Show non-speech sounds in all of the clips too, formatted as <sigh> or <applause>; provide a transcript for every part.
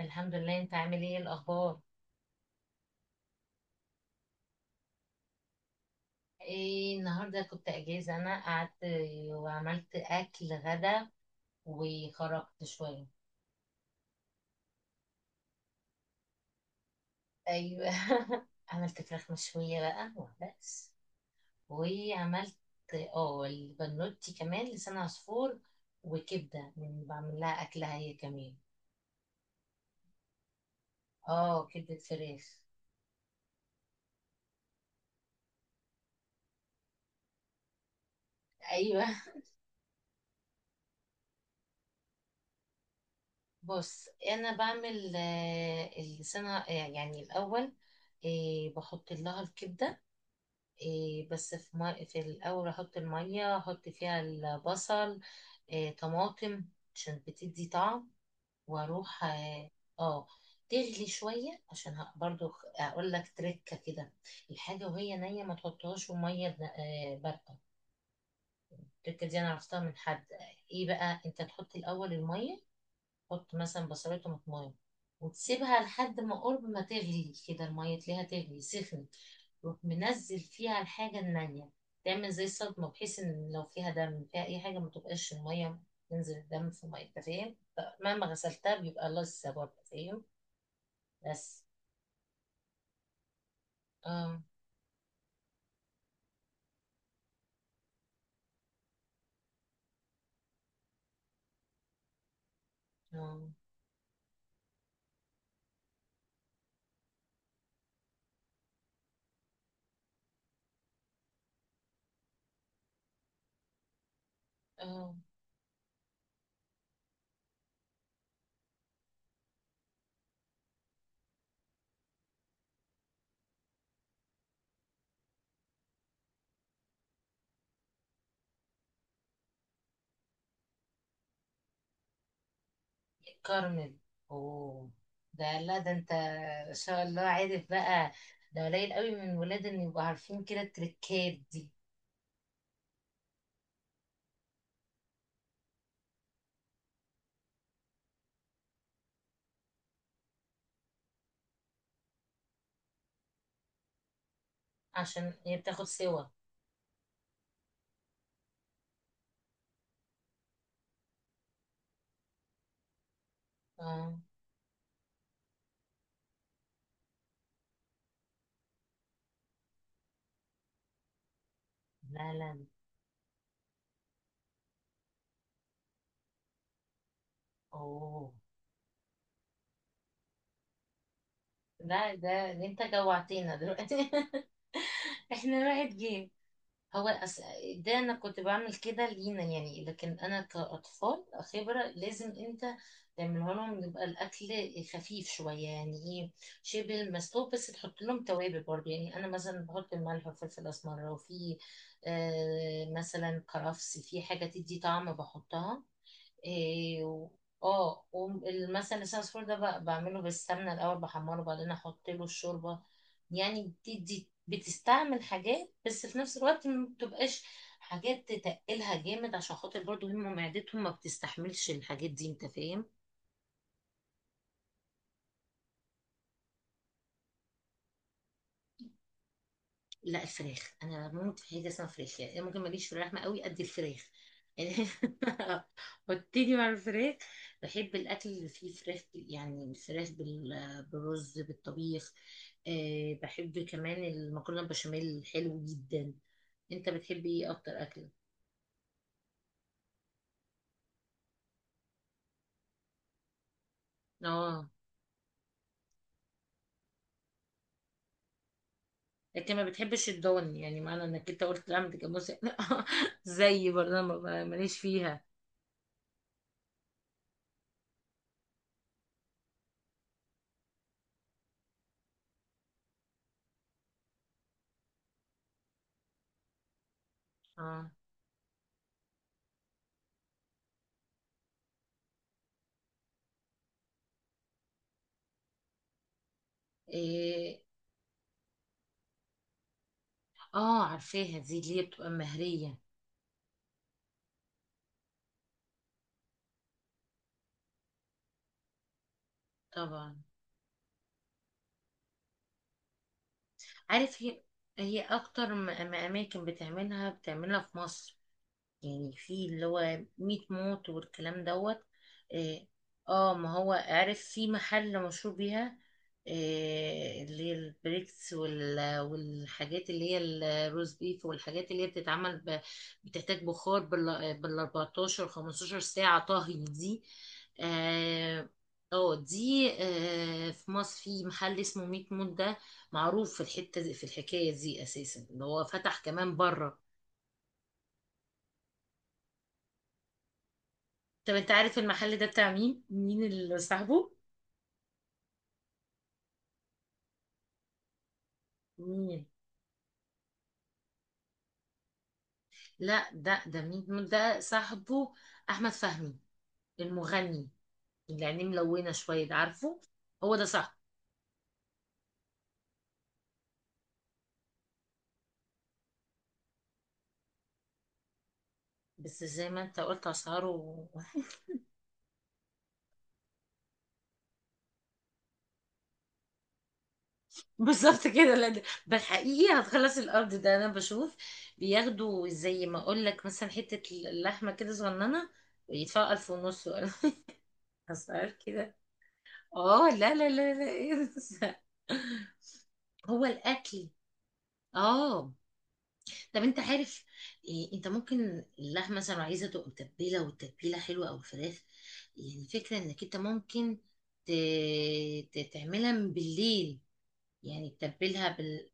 الحمد لله، انت عامل ايه الاخبار؟ ايه النهارده كنت اجازه. انا قعدت وعملت اكل غدا وخرجت شويه. ايوه، <laughs> عملت فراخ مشويه بقى وبس. وعملت اه البنوتي كمان لسان عصفور، وكبده من بعمل لها اكلها هي كمان. اه، كبده فراخ. ايوه، بص انا بعمل اللسان، يعني الاول إيه، بحط لها الكبده، إيه بس في الأول أحط المية، أحط فيها البصل، إيه طماطم، عشان بتدي طعم. وأروح آه، تغلي شوية عشان برضو أقول لك تركة كده. الحاجة وهي نية ما تحطهاش في مية باردة. التركة دي أنا عرفتها من حد. إيه بقى، أنت تحط الأول المية، تحط مثلا بصلات وطماطم، وتسيبها لحد ما قرب ما تغلي كده المية تلاقيها تغلي سخنت. تروح منزل فيها الحاجة النانية، تعمل زي صدمة، بحيث ان لو فيها دم، فيها اي حاجة، ما تبقاش المية تنزل الدم في مية. انت فاهم؟ مهما غسلتها بيبقى لسه برضه. فاهم؟ بس، اه، اه، اه، كارمل. اوه، ده لا، ده انت ان شاء الله عارف بقى. ده قليل قوي من الولاد ان يبقوا عارفين كده التريكات دي. عشان هي بتاخد سوا. اه، لا، لا. اوه، لا، ده انت جوعتينا دلوقتي. <laughs> احنا راحت جيم. هو أس... ده انا كنت بعمل كده لينا يعني، لكن انا كاطفال خبره، لازم انت تعمله لهم. يبقى الاكل خفيف شويه، يعني ايه، شبه المسلوق، بس تحط لهم توابل برضه. يعني انا مثلا بحط الملح والفلفل الاسمر، وفي مثلا كرفس، في حاجه تدي طعم بحطها. إيه و- اه، ومثلا لسان العصفور ده بعمله بالسمنة الأول، بحمره وبعدين أحط له الشوربة. يعني بتستعمل حاجات، بس في نفس الوقت ما بتبقاش حاجات تتقلها جامد، عشان خاطر برضو هم معدتهم ما بتستحملش الحاجات دي. انت فاهم؟ لا، الفراخ انا بموت في حاجه اسمها فراخ. يعني أنا ممكن ماليش في اللحمه قوي قد الفراخ، يعني. <laughs> وابتدي مع الفراخ، بحب الاكل اللي فيه فراخ يعني الفراخ بالرز بالطبيخ. بحب كمان المكرونه البشاميل، حلو جدا. انت بتحب ايه اكتر اكل؟ اه، لكن ما بتحبش الضان، يعني معنى انك انت قلت لا متجوزه. <laughs> زي برضه ماليش فيها. اه، إيه. اه، عارفاها دي اللي هي بتبقى مهريه. طبعا. عارف، هي اكتر اماكن بتعملها في مصر. يعني في اللي هو ميت موت والكلام دوت. اه، ما هو عارف في محل مشهور بيها. اللي هي البريكس والحاجات اللي هي الروز بيف، والحاجات اللي هي بتتعمل بتحتاج بخار بال 14 15 ساعة طهي دي. اه، دي في مصر، في محل اسمه ميت موت ده، معروف في الحتة دي، في الحكاية دي أساسا، اللي هو فتح كمان بره. طب انت عارف المحل ده بتاع مين اللي صاحبه؟ مين؟ لا ده مين ده صاحبه؟ احمد فهمي، المغني اللي عينيه ملونه شويه، ده عارفه؟ هو ده صاحبه. بس زي ما انت قلت اسعاره. <laughs> بالظبط كده. لا ده بالحقيقي هتخلص الارض. ده انا بشوف بياخدوا زي ما اقول لك مثلا حته اللحمه كده صغننه، ويدفعوا الف ونص ولا. <laughs> اسعار كده. اه، لا، لا، لا، لا، ايه ده؟ <laughs> هو الاكل. اه، طب انت عارف إيه، انت ممكن اللحمه مثلا لو عايزه تبقى متبله والتتبيله حلوه، او الفراخ، يعني الفكره انك انت ممكن ت... تعملها من بالليل. يعني تتبلها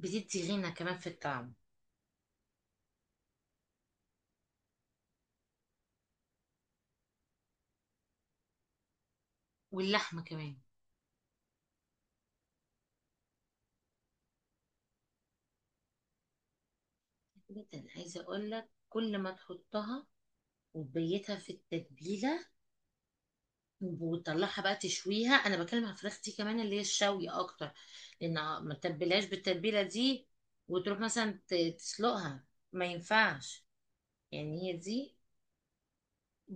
بتدي غنى كمان في الطعم. واللحمه كمان جدا، عايزه اقول لك، كل ما تحطها وتبيتها في التتبيله وتطلعها بقى تشويها. انا بكلم على الفراخ دي كمان، اللي هي الشوي اكتر، لان ما تتبلهاش بالتتبيله دي وتروح مثلا تسلقها، ما ينفعش. يعني هي دي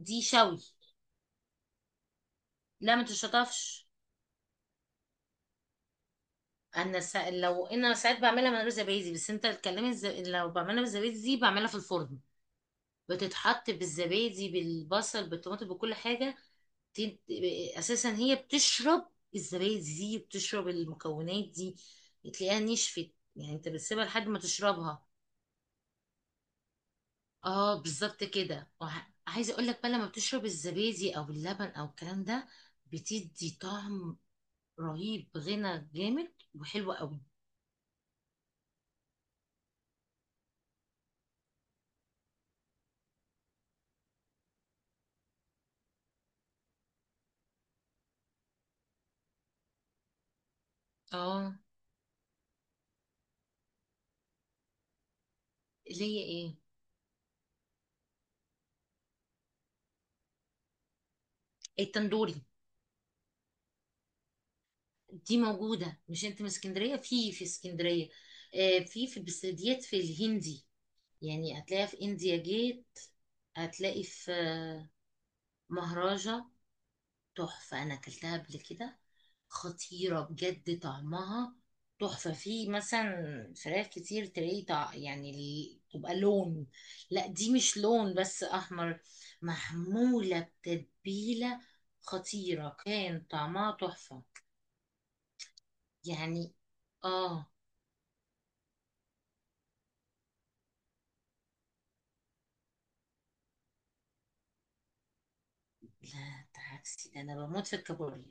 دي شوي. لا ما تشطفش. لو انا ساعات بعملها من غير زبادي. بس انت الكلام، لو بعملها بالزبادي دي بعملها في الفرن، بتتحط بالزبادي، بالبصل، بالطماطم، بكل حاجه. تن- اساسا هي بتشرب الزبادي دي، بتشرب المكونات دي، تلاقيها نشفت. يعني انت بتسيبها لحد ما تشربها. اه، بالظبط كده. عايزه اقول لك بقى، لما بتشرب الزبادي او اللبن او الكلام ده، بتدي طعم رهيب، غنى جامد وحلوة قوي. اه، اللي هي ايه، التندوري؟ دي موجودة، مش انت من اسكندرية؟ في في اسكندرية في في بس ديت في الهندي، يعني هتلاقيها في انديا جيت، هتلاقي في آه، مهرجة، تحفة. أنا أكلتها قبل كده، خطيرة بجد طعمها، تحفة. في مثلا فراخ كتير تلاقي يعني تبقى لون، لا دي مش لون بس، أحمر، محمولة بتتبيلة، خطيرة كان طعمها، تحفة. يعني آه لا ده عكسي، ده أنا بموت في الكابوريا.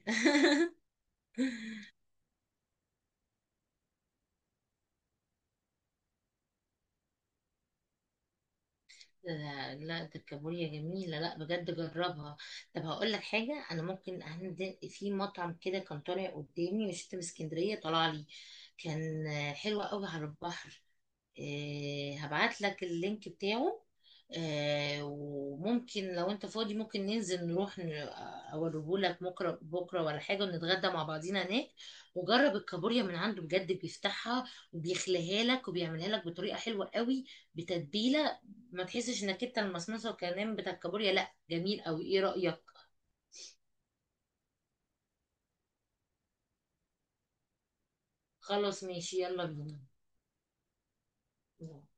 لا، لا ده الكابوريا جميلة، لا بجد جربها. طب هقول لك حاجة، أنا ممكن عندي في مطعم كده كان طالع قدامي، مش في اسكندرية، طلع لي، كان حلو قوي على البحر. هبعت لك اللينك بتاعه. وممكن لو انت فاضي، ممكن ننزل نروح اوريه لك بكره، بكره ولا حاجه، ونتغدى مع بعضينا هناك. وجرب الكابوريا من عنده بجد، بيفتحها وبيخليها لك، وبيعملها لك بطريقه حلوه قوي بتتبيله. ما تحسش انك انت المصمصه والكلام بتاع الكابوريا. لا، جميل قوي. ايه رايك؟ خلاص ماشي، يلا بينا.